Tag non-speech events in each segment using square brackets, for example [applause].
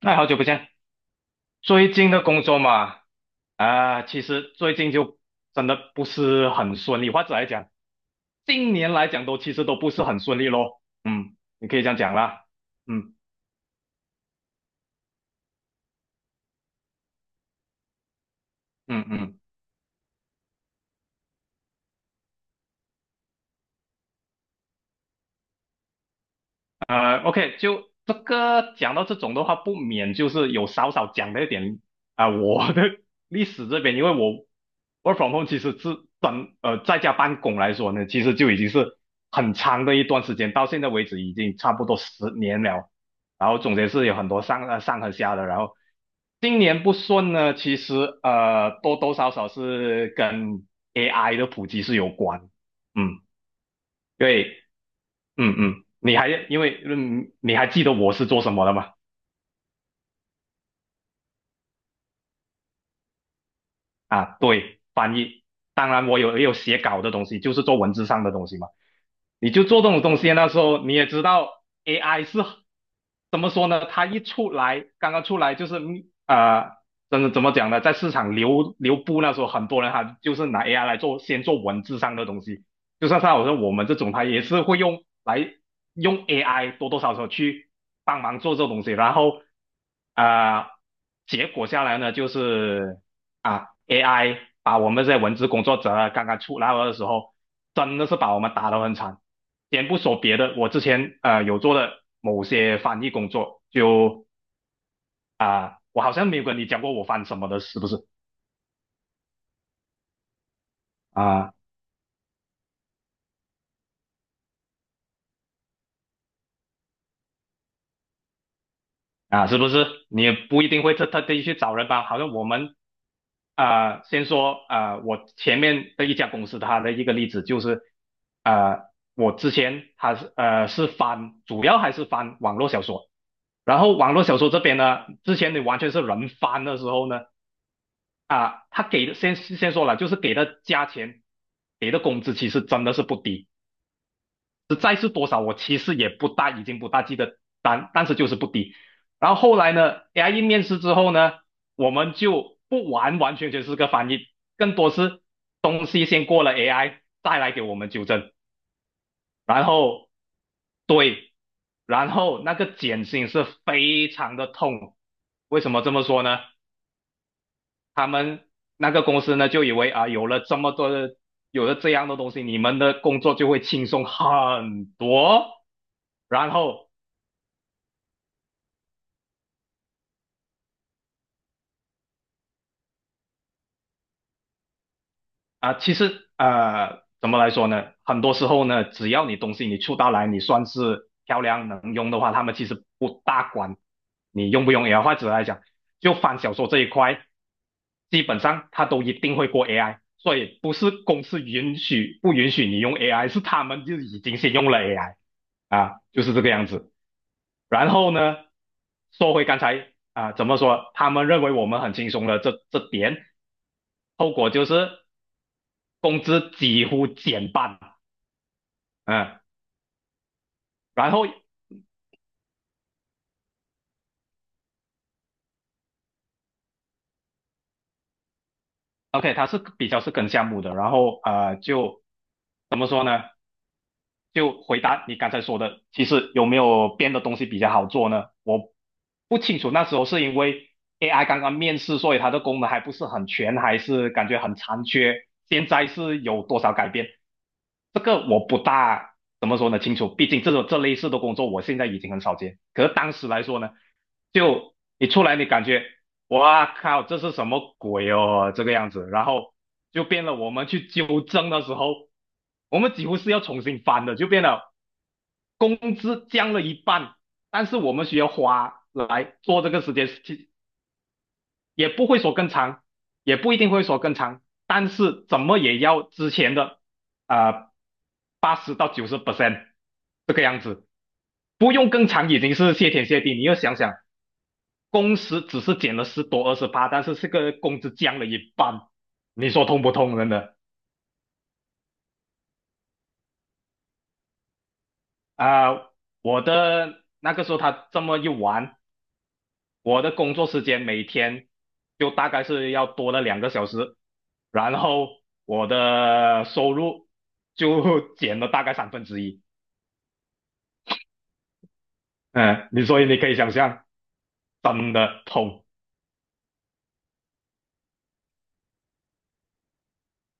哎，好久不见！最近的工作嘛，啊，其实最近就真的不是很顺利，或者来讲，近年来讲都其实都不是很顺利咯。嗯，你可以这样讲啦。嗯嗯嗯。OK，就这个讲到这种的话，不免就是有少少讲到一点我的 [laughs] 历史这边，因为我 其实是在家办公来说呢，其实就已经是很长的一段时间，到现在为止已经差不多10年了。然后总结是有很多上和下的，然后今年不顺呢，其实多多少少是跟 AI 的普及是有关，嗯，对，嗯嗯，你还因为嗯你还记得我是做什么的吗？啊，对，翻译。当然，我也有写稿的东西，就是做文字上的东西嘛。你就做这种东西，那时候你也知道，AI 是怎么说呢？它一出来，刚刚出来就是呃，真的怎么讲呢？在市场流布那时候，很多人他就是拿 AI 来做，先做文字上的东西。就像我说我们这种，他也是会用来用 AI 多多少少去帮忙做这东西，然后啊、呃结果下来呢，就是啊，AI 把我们这些文字工作者啊刚刚出来的时候，真的是把我们打得很惨。先不说别的，我之前有做的某些翻译工作，就我好像没有跟你讲过我翻什么的，是不是啊？啊，是不是？你也不一定会特地去找人吧？好像我们先说我前面的一家公司，它的一个例子就是，呃，我之前它是翻，主要还是翻网络小说，然后网络小说这边呢，之前你完全是人翻的时候呢，他给的先说了，就是给的价钱，给的工资其实真的是不低。实在是多少我其实也不大，已经不大记得，但是就是不低。然后后来呢，AI 面试之后呢，我们就不完完全全是个翻译，更多是东西先过了 AI，再来给我们纠正。然后对，然后那个减薪是非常的痛。为什么这么说呢？那个公司呢就以为啊，有了这么多的，有了这样的东西，你们的工作就会轻松很多。然后啊，其实怎么来说呢？很多时候呢，只要你东西你出到来，你算是漂亮能用的话，他们其实不大管你用不用 AI。或者来讲，就翻小说这一块，基本上他都一定会过 AI，所以不是公司允许不允许你用 AI，是他们就已经先用了 AI 啊，就是这个样子。然后呢，说回刚才怎么说？他们认为我们很轻松的这点，后果就是工资几乎减半。嗯，然后 OK，他是比较是跟项目的，然后就怎么说呢？就回答你刚才说的，其实有没有编的东西比较好做呢？我不清楚，那时候是因为 AI 刚刚面世，所以它的功能还不是很全，还是感觉很残缺。现在是有多少改变？这个我不大怎么说呢清楚，毕竟这类似的工作我现在已经很少见。可是当时来说呢，就你出来你感觉哇靠，这是什么鬼哦？这个样子，然后就变了。我们去纠正的时候，我们几乎是要重新翻的，就变了工资降了一半，但是我们需要花来做这个时间，也不会说更长，也不一定会说更长，但是怎么也要之前的啊80%到90% 这个样子，不用更长已经是谢天谢地。你要想想。工时只是减了十多二十八，但是这个工资降了一半，你说痛不痛？真的啊、呃我的那个时候他这么一玩，我的工作时间每天就大概是要多了2个小时，然后我的收入就减了大概1/3。嗯，你所以你可以想象，真的痛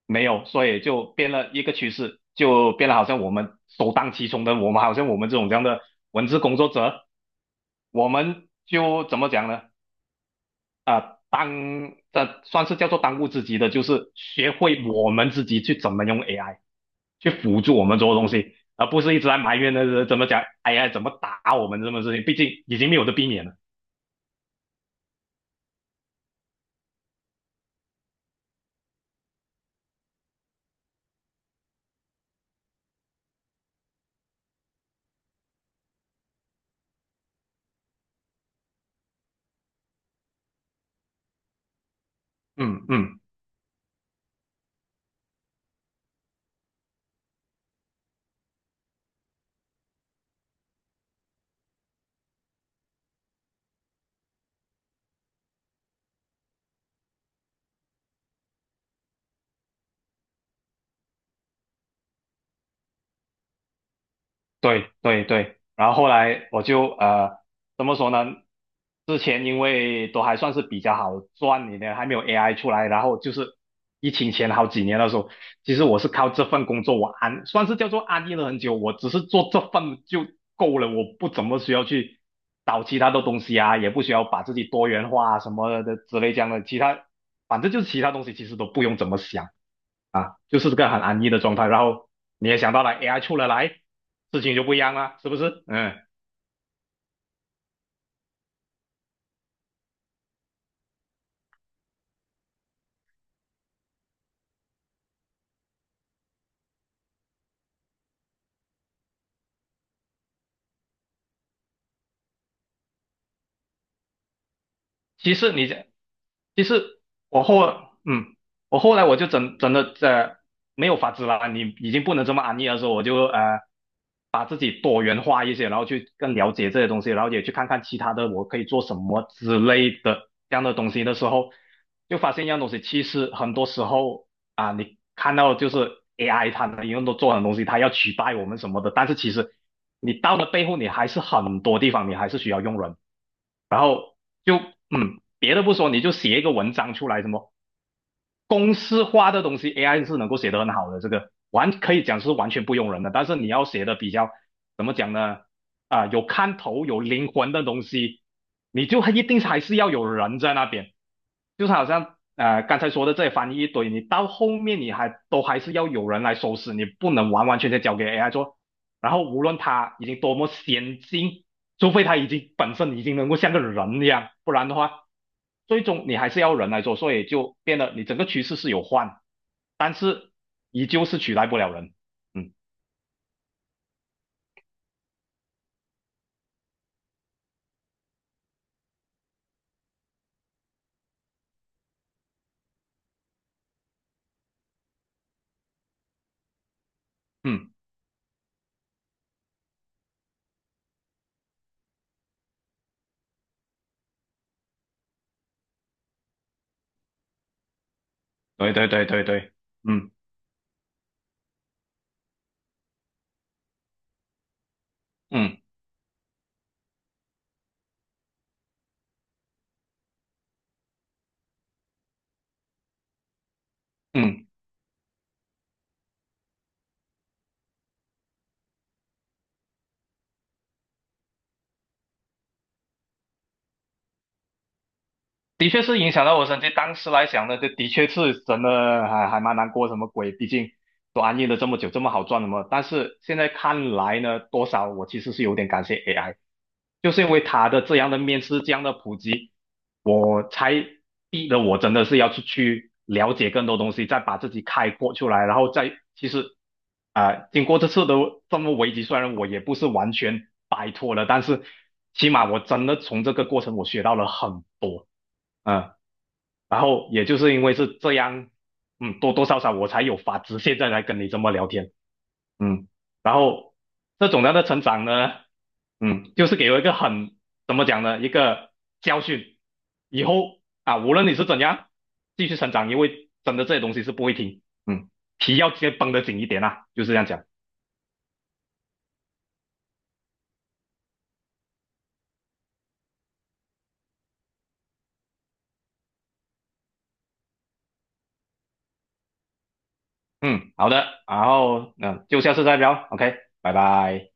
没有，所以就变了一个趋势，就变了好像我们首当其冲的，我们好像我们这种这样的文字工作者。我们就怎么讲呢？当这算是叫做当务之急的，就是学会我们自己去怎么用 AI 去辅助我们做的东西，而不是一直在埋怨的怎么讲 AI 怎么打我们这么事情，毕竟已经没有的避免了。嗯嗯。对对对，然后后来我就怎么说呢？之前因为都还算是比较好赚一点，还没有 AI 出来，然后就是疫情前好几年的时候，其实我是靠这份工作算是叫做安逸了很久，我只是做这份就够了，我不怎么需要去找其他的东西啊，也不需要把自己多元化啊什么的之类这样的，反正就是其他东西其实都不用怎么想。就是这个很安逸的状态。然后你也想到了 AI 出了来，事情就不一样了，是不是？嗯，其实你这，其实我后，嗯，我后来就真的没有法子了，你已经不能这么安逸的时候，我就把自己多元化一些，然后去更了解这些东西，然后也去看看其他的我可以做什么之类的这样的东西的时候，就发现一样东西，其实很多时候。啊，你看到就是 AI 它能用都做很多东西，它要取代我们什么的，但是其实你到了背后，你还是很多地方你还是需要用人。然后就别的不说，你就写一个文章出来什么公式化的东西，AI 是能够写得很好的，这个可以讲是完全不用人的。但是你要写的比较怎么讲呢？有看头、有灵魂的东西，你就一定还是要有人在那边。就是好像刚才说的这些翻译一堆，你到后面你都还是要有人来收拾，你不能完完全全交给 AI 做。然后无论它已经多么先进，除非他本身已经能够像个人一样，不然的话，最终你还是要人来做，所以就变得你整个趋势是有换，依旧是取代不了人。嗯嗯，对对对对对，嗯嗯嗯，的确是影响到我身体。当时来讲呢，这的确是真的还蛮难过，什么鬼？毕竟都安逸了这么久，这么好赚的嘛。但是现在看来呢，多少我其实是有点感谢 AI，就是因为它的这样的面试，这样的普及。我才逼得我真的是要出去了解更多东西，再把自己开阔出来，然后再其实经过这次的这么危机，虽然我也不是完全摆脱了，但是起码我真的从这个过程我学到了很多，嗯，然后也就是因为是这样，嗯，多多少少我才有法子现在来跟你这么聊天。嗯，然后这种样的成长呢，嗯，就是给我一个很怎么讲呢，一个教训。以后啊，无论你是怎样继续成长，因为真的这些东西是不会停，嗯，皮要先绷得紧一点啊，就是这样讲。嗯，好的，然后嗯，就下次再聊，OK，拜拜。